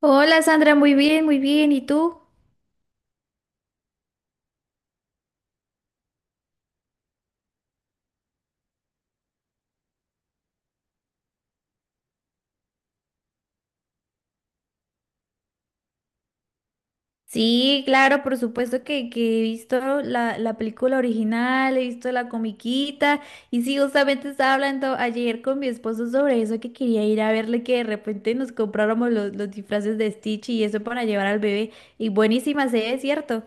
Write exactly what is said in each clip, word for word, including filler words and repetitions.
Hola Sandra, muy bien, muy bien. ¿Y tú? Sí, claro, por supuesto que, que he visto la, la película original, he visto la comiquita y sí, justamente estaba hablando ayer con mi esposo sobre eso, que quería ir a verle que de repente nos compráramos los, los disfraces de Stitch y eso para llevar al bebé. Y buenísima se ve, ¿cierto?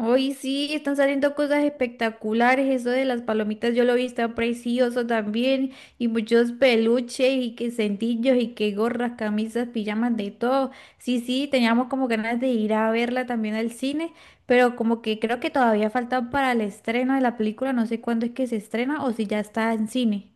Hoy sí, están saliendo cosas espectaculares. Eso de las palomitas yo lo vi, está precioso también. Y muchos peluches y que cintillos y que gorras, camisas, pijamas, de todo. Sí, sí, teníamos como ganas de ir a verla también al cine, pero como que creo que todavía falta para el estreno de la película. No sé cuándo es que se estrena o si ya está en cine.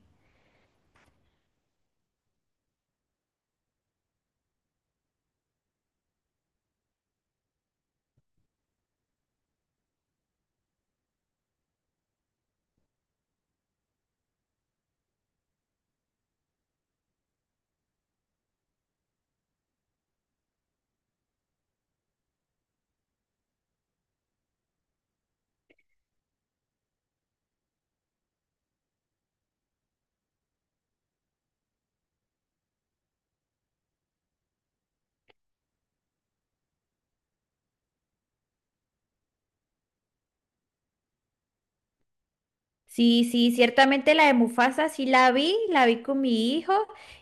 Sí, sí, ciertamente la de Mufasa sí la vi, la vi con mi hijo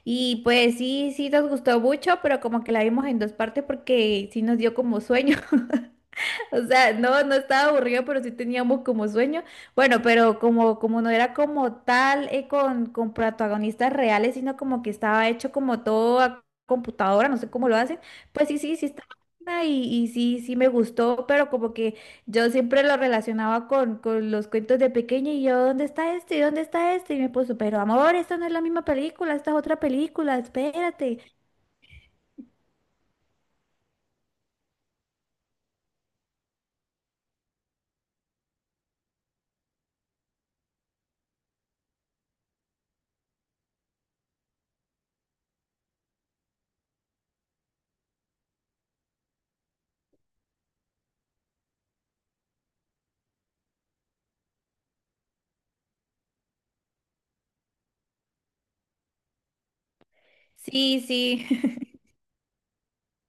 y pues sí, sí nos gustó mucho, pero como que la vimos en dos partes porque sí nos dio como sueño. O sea, no, no estaba aburrido, pero sí teníamos como sueño. Bueno, pero como, como no era como tal eh, con, con protagonistas reales, sino como que estaba hecho como todo a computadora, no sé cómo lo hacen. Pues sí, sí, sí estaba buena y, y sí, sí me gustó, pero como que yo siempre lo relacionaba con, con los cuentos de pequeña y yo, ¿dónde está este? ¿Y dónde está este? Y me puso, pero amor, esta no es la misma película, esta es otra película, espérate. Sí, sí.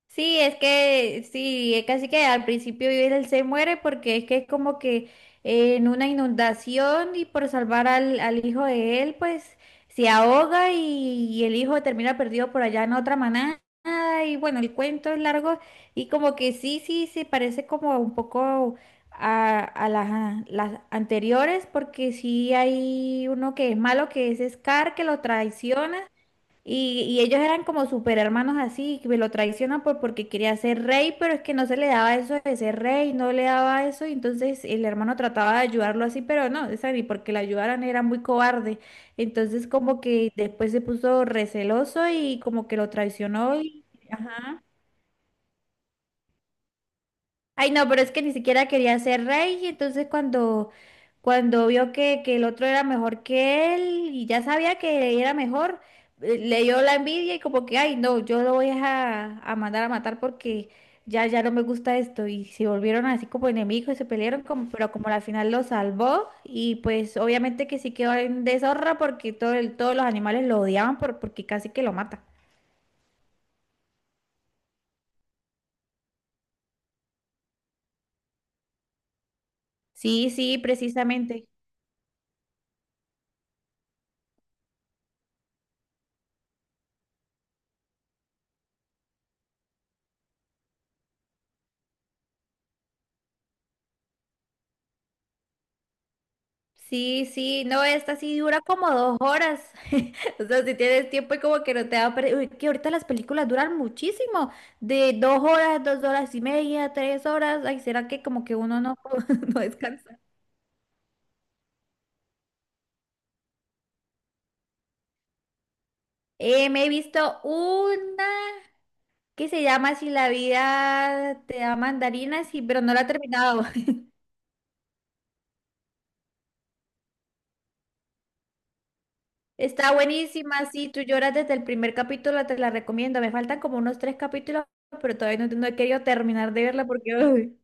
Sí, es que sí, es casi que al principio él se muere porque es que es como que eh, en una inundación y por salvar al, al hijo de él, pues se ahoga y, y el hijo termina perdido por allá en otra manada. Y bueno, el cuento es largo y como que sí, sí, se parece como un poco a, a las, a las anteriores porque sí hay uno que es malo, que es Scar, que lo traiciona. Y, y ellos eran como super hermanos así, que lo traicionan por, porque quería ser rey, pero es que no se le daba eso de ser rey, no le daba eso, y entonces el hermano trataba de ayudarlo así, pero no, esa ni porque la ayudaran era muy cobarde. Entonces como que después se puso receloso y como que lo traicionó y, ajá. Ay, no, pero es que ni siquiera quería ser rey, y entonces cuando, cuando vio que, que el otro era mejor que él y ya sabía que era mejor, eh, le dio la envidia y como que, ay, no, yo lo voy a, a mandar a matar porque ya, ya no me gusta esto. Y se volvieron así como enemigos y se pelearon, como, pero como al final lo salvó y pues obviamente que sí quedó en deshonra porque todo el- todos los animales lo odiaban por, porque casi que lo mata. Sí, sí, precisamente. Sí, sí, no, esta sí dura como dos horas. O sea, si tienes tiempo y como que no te da. pre- Uy, que ahorita las películas duran muchísimo. De dos horas, dos horas y media, tres horas. Ay, ¿será que como que uno no, no descansa? Eh, me he visto una que se llama Si la vida te da mandarinas, sí, pero no la he terminado. Está buenísima, sí, tú lloras desde el primer capítulo, te la recomiendo. Me faltan como unos tres capítulos, pero todavía no, no he querido terminar de verla porque uy.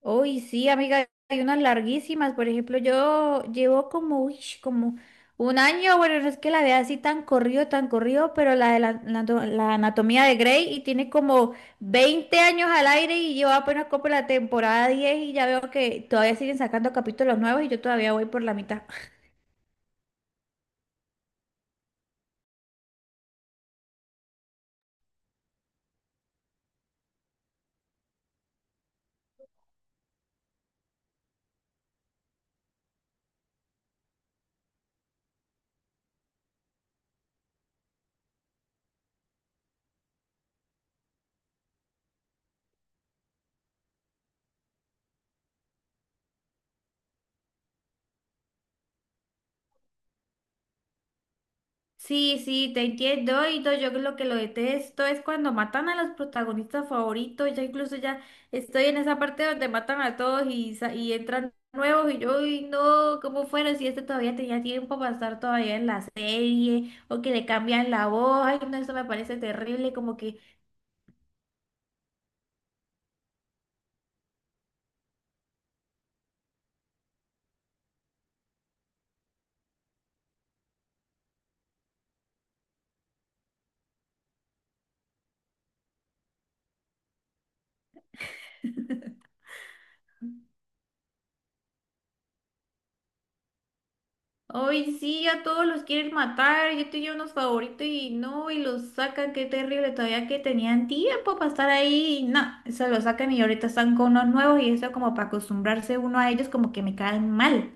Uy, sí, amiga, hay unas larguísimas. Por ejemplo, yo llevo como, uy, como un año, bueno, no es que la vea así tan corrido, tan corrido, pero la de la, la anato- la anatomía de Grey y tiene como veinte años al aire y yo apenas como la temporada diez y ya veo que todavía siguen sacando capítulos nuevos y yo todavía voy por la mitad. Sí, sí, te entiendo. Y no, yo lo que lo detesto es cuando matan a los protagonistas favoritos. Ya incluso ya estoy en esa parte donde matan a todos y, sa- y entran nuevos. Y yo, uy, no, ¿cómo fueron? Si este todavía tenía tiempo para estar todavía en la serie o que le cambian la voz. Ay, no, eso me parece terrible. Como que. Hoy sí, a todos los quieren matar. Yo tenía unos favoritos y no, y los sacan. Qué terrible. Todavía que tenían tiempo para estar ahí. Y no, se los sacan y ahorita están con unos nuevos y eso como para acostumbrarse uno a ellos como que me caen mal.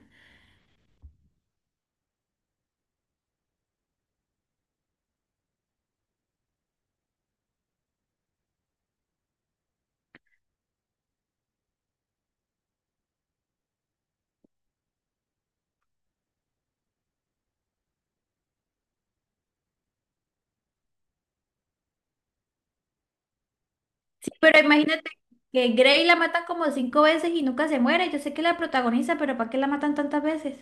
Sí, pero imagínate que Grey la matan como cinco veces y nunca se muere. Yo sé que la protagoniza, pero ¿para qué la matan tantas veces?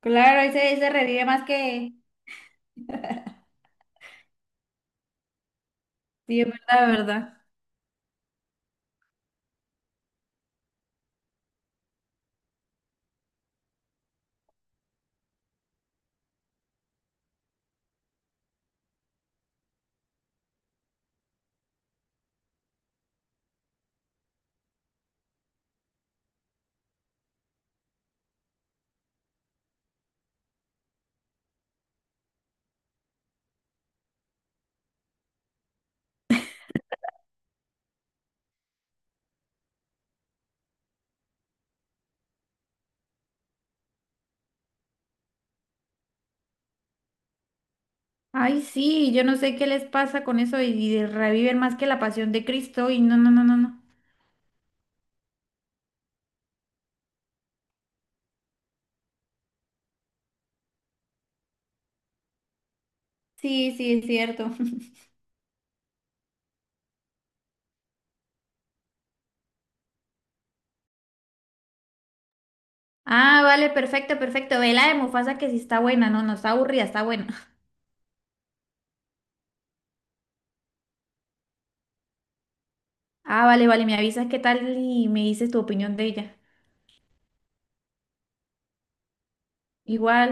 Claro, ese, ese revive más que. Sí, es verdad, verdad. Ay, sí, yo no sé qué les pasa con eso y, y reviven más que la pasión de Cristo y no, no, no, no, no. Sí, sí, es cierto. Ah, vale, perfecto, perfecto. Ve la de Mufasa que sí está buena, no, no está aburrida, está buena. Ah, vale, vale, me avisas qué tal y me dices tu opinión de ella. Igual.